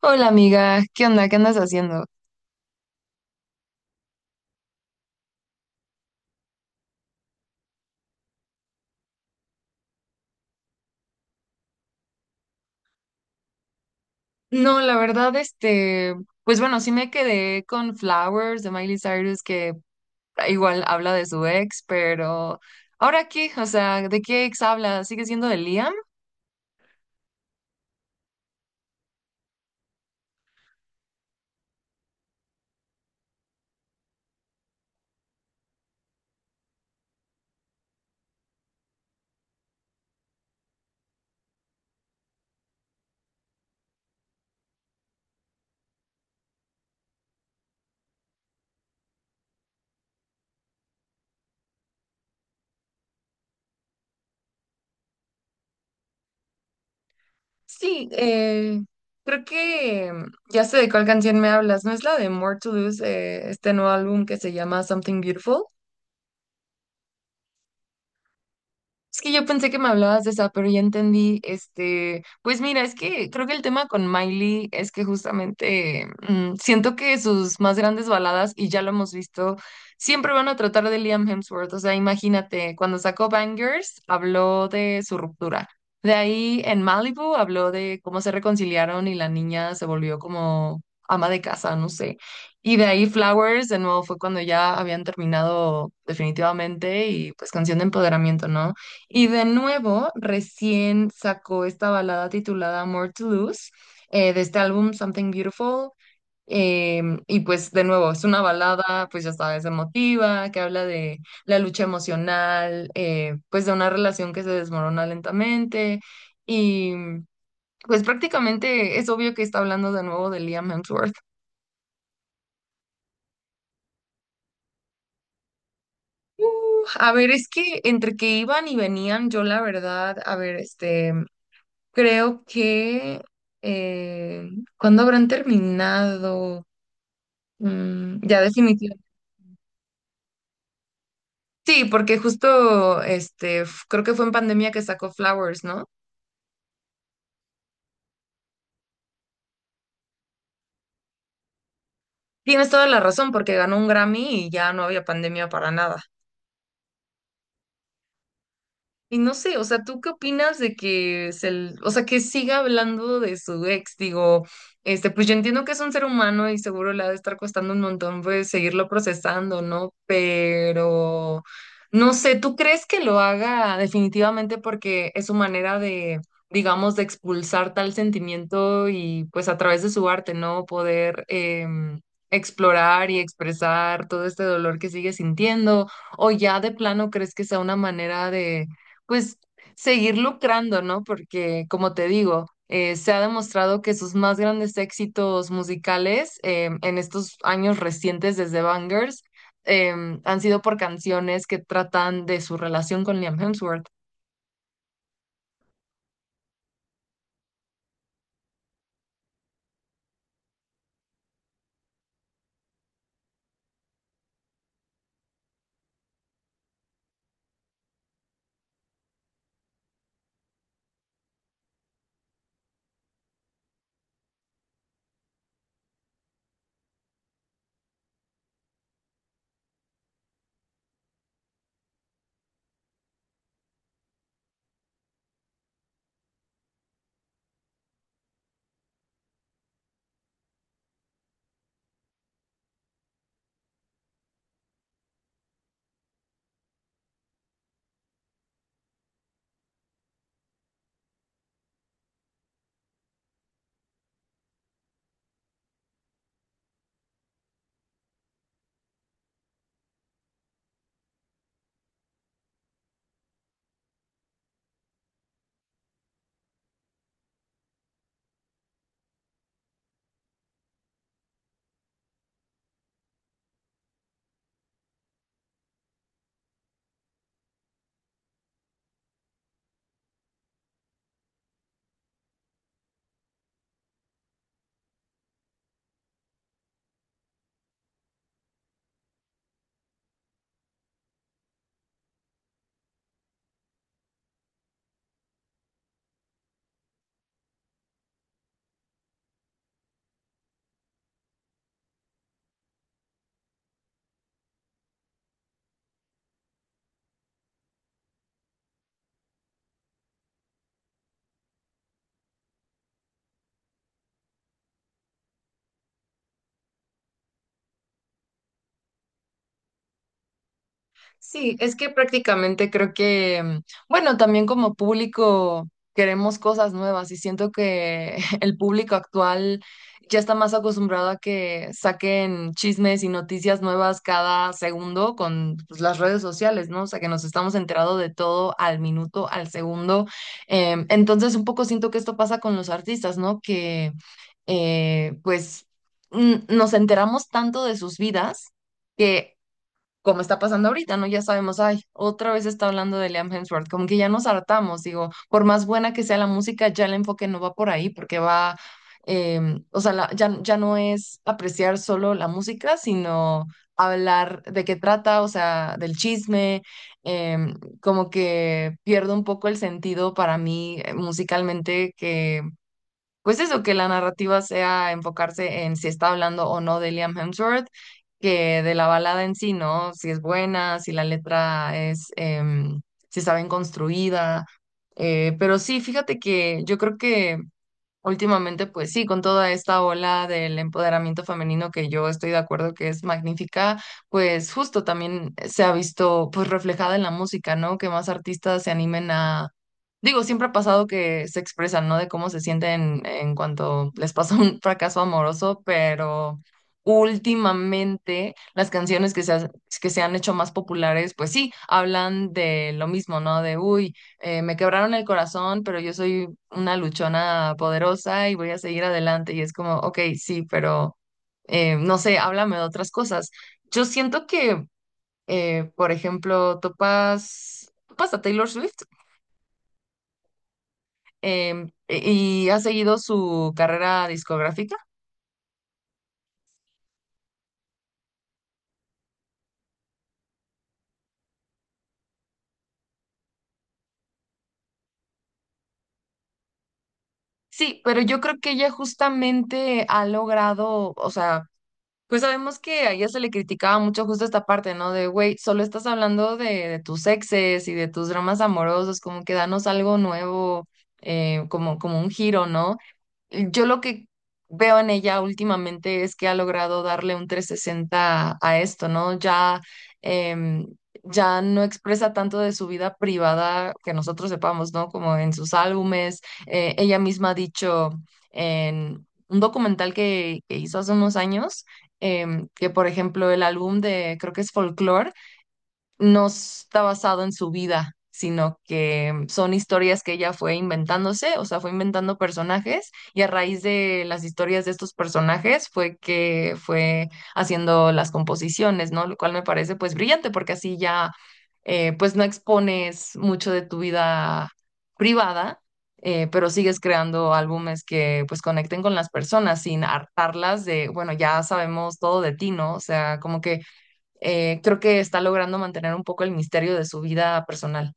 Hola amiga, ¿qué onda? ¿Qué andas haciendo? No, la verdad, pues bueno, sí me quedé con Flowers de Miley Cyrus, que igual habla de su ex, pero ¿ahora qué? O sea, ¿de qué ex habla? ¿Sigue siendo de Liam? Sí, creo que ya sé de cuál canción me hablas, ¿no es la de More to Lose, este nuevo álbum que se llama Something Beautiful? Es que yo pensé que me hablabas de esa, pero ya entendí, pues mira, es que creo que el tema con Miley es que justamente siento que sus más grandes baladas, y ya lo hemos visto, siempre van a tratar de Liam Hemsworth. O sea, imagínate, cuando sacó Bangers, habló de su ruptura. De ahí en Malibu habló de cómo se reconciliaron y la niña se volvió como ama de casa, no sé. Y de ahí Flowers, de nuevo, fue cuando ya habían terminado definitivamente y pues canción de empoderamiento, ¿no? Y de nuevo, recién sacó esta balada titulada More to Lose, de este álbum Something Beautiful. eh, y pues de nuevo, es una balada, pues ya sabes, emotiva, que habla de la lucha emocional, pues de una relación que se desmorona lentamente. Y pues prácticamente es obvio que está hablando de nuevo de Liam Hemsworth. A ver, es que entre que iban y venían, yo la verdad, a ver, este. Creo que eh, ¿cuándo habrán terminado? Mm, ya definitivamente. Sí, porque justo este, creo que fue en pandemia que sacó Flowers, ¿no? Tienes toda la razón, porque ganó un Grammy y ya no había pandemia para nada. Y no sé, o sea, ¿tú qué opinas de que se, o sea, que siga hablando de su ex? Digo, pues yo entiendo que es un ser humano y seguro le ha de estar costando un montón, pues, seguirlo procesando, ¿no? Pero, no sé, ¿tú crees que lo haga definitivamente porque es su manera de, digamos, de expulsar tal sentimiento y, pues, a través de su arte, ¿no? Poder explorar y expresar todo este dolor que sigue sintiendo? ¿O ya de plano crees que sea una manera de pues seguir lucrando, ¿no? Porque, como te digo, se ha demostrado que sus más grandes éxitos musicales en estos años recientes desde Bangers eh, han sido por canciones que tratan de su relación con Liam Hemsworth. Sí, es que prácticamente creo que, bueno, también como público queremos cosas nuevas y siento que el público actual ya está más acostumbrado a que saquen chismes y noticias nuevas cada segundo con pues, las redes sociales, ¿no? O sea, que nos estamos enterando de todo al minuto, al segundo. Entonces, un poco siento que esto pasa con los artistas, ¿no? Que pues nos enteramos tanto de sus vidas. Que como está pasando ahorita, ¿no? Ya sabemos, ay, otra vez está hablando de Liam Hemsworth, como que ya nos hartamos, digo, por más buena que sea la música, ya el enfoque no va por ahí, porque va, o sea, ya no es apreciar solo la música, sino hablar de qué trata, o sea, del chisme, em, como que pierdo un poco el sentido para mí musicalmente que pues eso, que la narrativa sea enfocarse en si está hablando o no de Liam Hemsworth, que de la balada en sí, ¿no? Si es buena, si la letra es, si está bien construida. Pero sí, fíjate que yo creo que últimamente, pues sí, con toda esta ola del empoderamiento femenino que yo estoy de acuerdo que es magnífica, pues justo también se ha visto pues reflejada en la música, ¿no? Que más artistas se animen a. Digo, siempre ha pasado que se expresan, ¿no? De cómo se sienten en cuanto les pasa un fracaso amoroso, pero últimamente las canciones que se, que se han hecho más populares, pues sí, hablan de lo mismo, ¿no? De, uy, me quebraron el corazón, pero yo soy una luchona poderosa y voy a seguir adelante. Y es como, ok, sí, pero no sé, háblame de otras cosas. Yo siento que, por ejemplo, topas a Taylor Swift y ha seguido su carrera discográfica. Sí, pero yo creo que ella justamente ha logrado, o sea, pues sabemos que a ella se le criticaba mucho justo esta parte, ¿no? De, güey, solo estás hablando de tus exes y de tus dramas amorosos, como que danos algo nuevo, como un giro, ¿no? Yo lo que veo en ella últimamente es que ha logrado darle un 360 a esto, ¿no? Ya, em, ya no expresa tanto de su vida privada que nosotros sepamos, ¿no? Como en sus álbumes. Ella misma ha dicho en un documental que hizo hace unos años, que por ejemplo el álbum de, creo que es Folklore, no está basado en su vida, sino que son historias que ella fue inventándose, o sea, fue inventando personajes y a raíz de las historias de estos personajes fue que fue haciendo las composiciones, ¿no? Lo cual me parece pues brillante porque así ya pues no expones mucho de tu vida privada. Pero sigues creando álbumes que pues conecten con las personas sin hartarlas de, bueno, ya sabemos todo de ti, ¿no? O sea, como que creo que está logrando mantener un poco el misterio de su vida personal.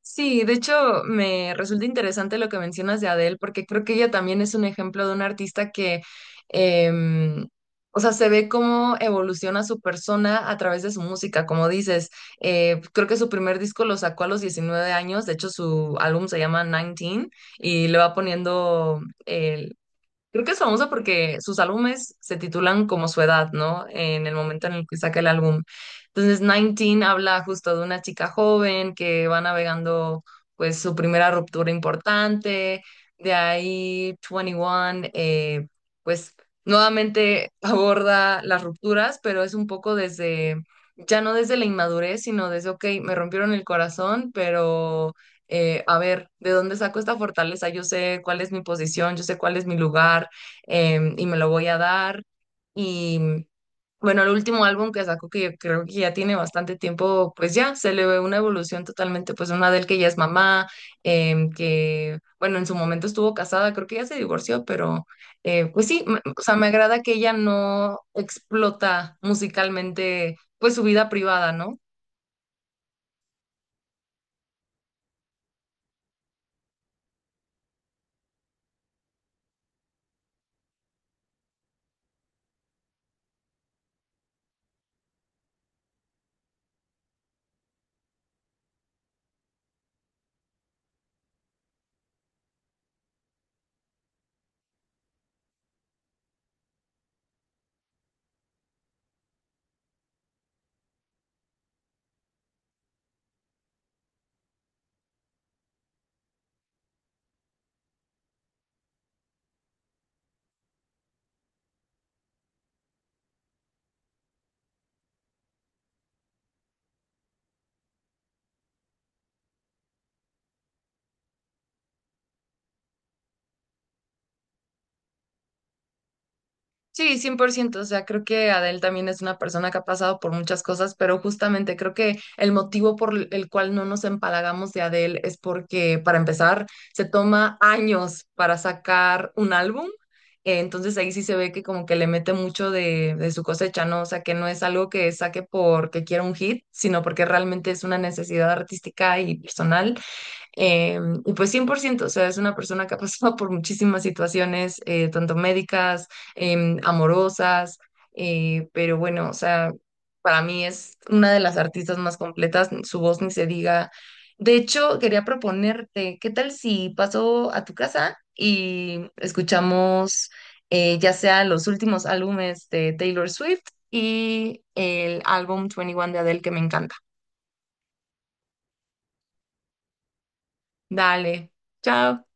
Sí, de hecho me resulta interesante lo que mencionas de Adele, porque creo que ella también es un ejemplo de una artista que, em, o sea, se ve cómo evoluciona su persona a través de su música, como dices. Creo que su primer disco lo sacó a los 19 años, de hecho su álbum se llama 19, y le va poniendo. Creo que es famosa porque sus álbumes se titulan como su edad, ¿no? En el momento en el que saca el álbum. Entonces, 19 habla justo de una chica joven que va navegando pues su primera ruptura importante. De ahí, 21, pues nuevamente aborda las rupturas, pero es un poco desde, ya no desde la inmadurez, sino desde, ok, me rompieron el corazón, pero a ver, ¿de dónde saco esta fortaleza? Yo sé cuál es mi posición, yo sé cuál es mi lugar, y me lo voy a dar. Y bueno, el último álbum que sacó, que yo creo que ya tiene bastante tiempo, pues ya se le ve una evolución totalmente, pues una del que ya es mamá, que bueno, en su momento estuvo casada, creo que ya se divorció, pero pues sí, o sea, me agrada que ella no explota musicalmente, pues su vida privada, ¿no? Sí, 100%. O sea, creo que Adele también es una persona que ha pasado por muchas cosas, pero justamente creo que el motivo por el cual no nos empalagamos de Adele es porque, para empezar, se toma años para sacar un álbum, entonces ahí sí se ve que como que le mete mucho de su cosecha, ¿no? O sea, que no es algo que saque porque quiera un hit, sino porque realmente es una necesidad artística y personal, eh, y pues 100%, o sea, es una persona que ha pasado por muchísimas situaciones, tanto médicas, amorosas, pero bueno, o sea, para mí es una de las artistas más completas, su voz ni se diga. De hecho, quería proponerte, ¿qué tal si paso a tu casa y escuchamos, ya sea los últimos álbumes de Taylor Swift y el álbum 21 de Adele que me encanta? Dale, chao.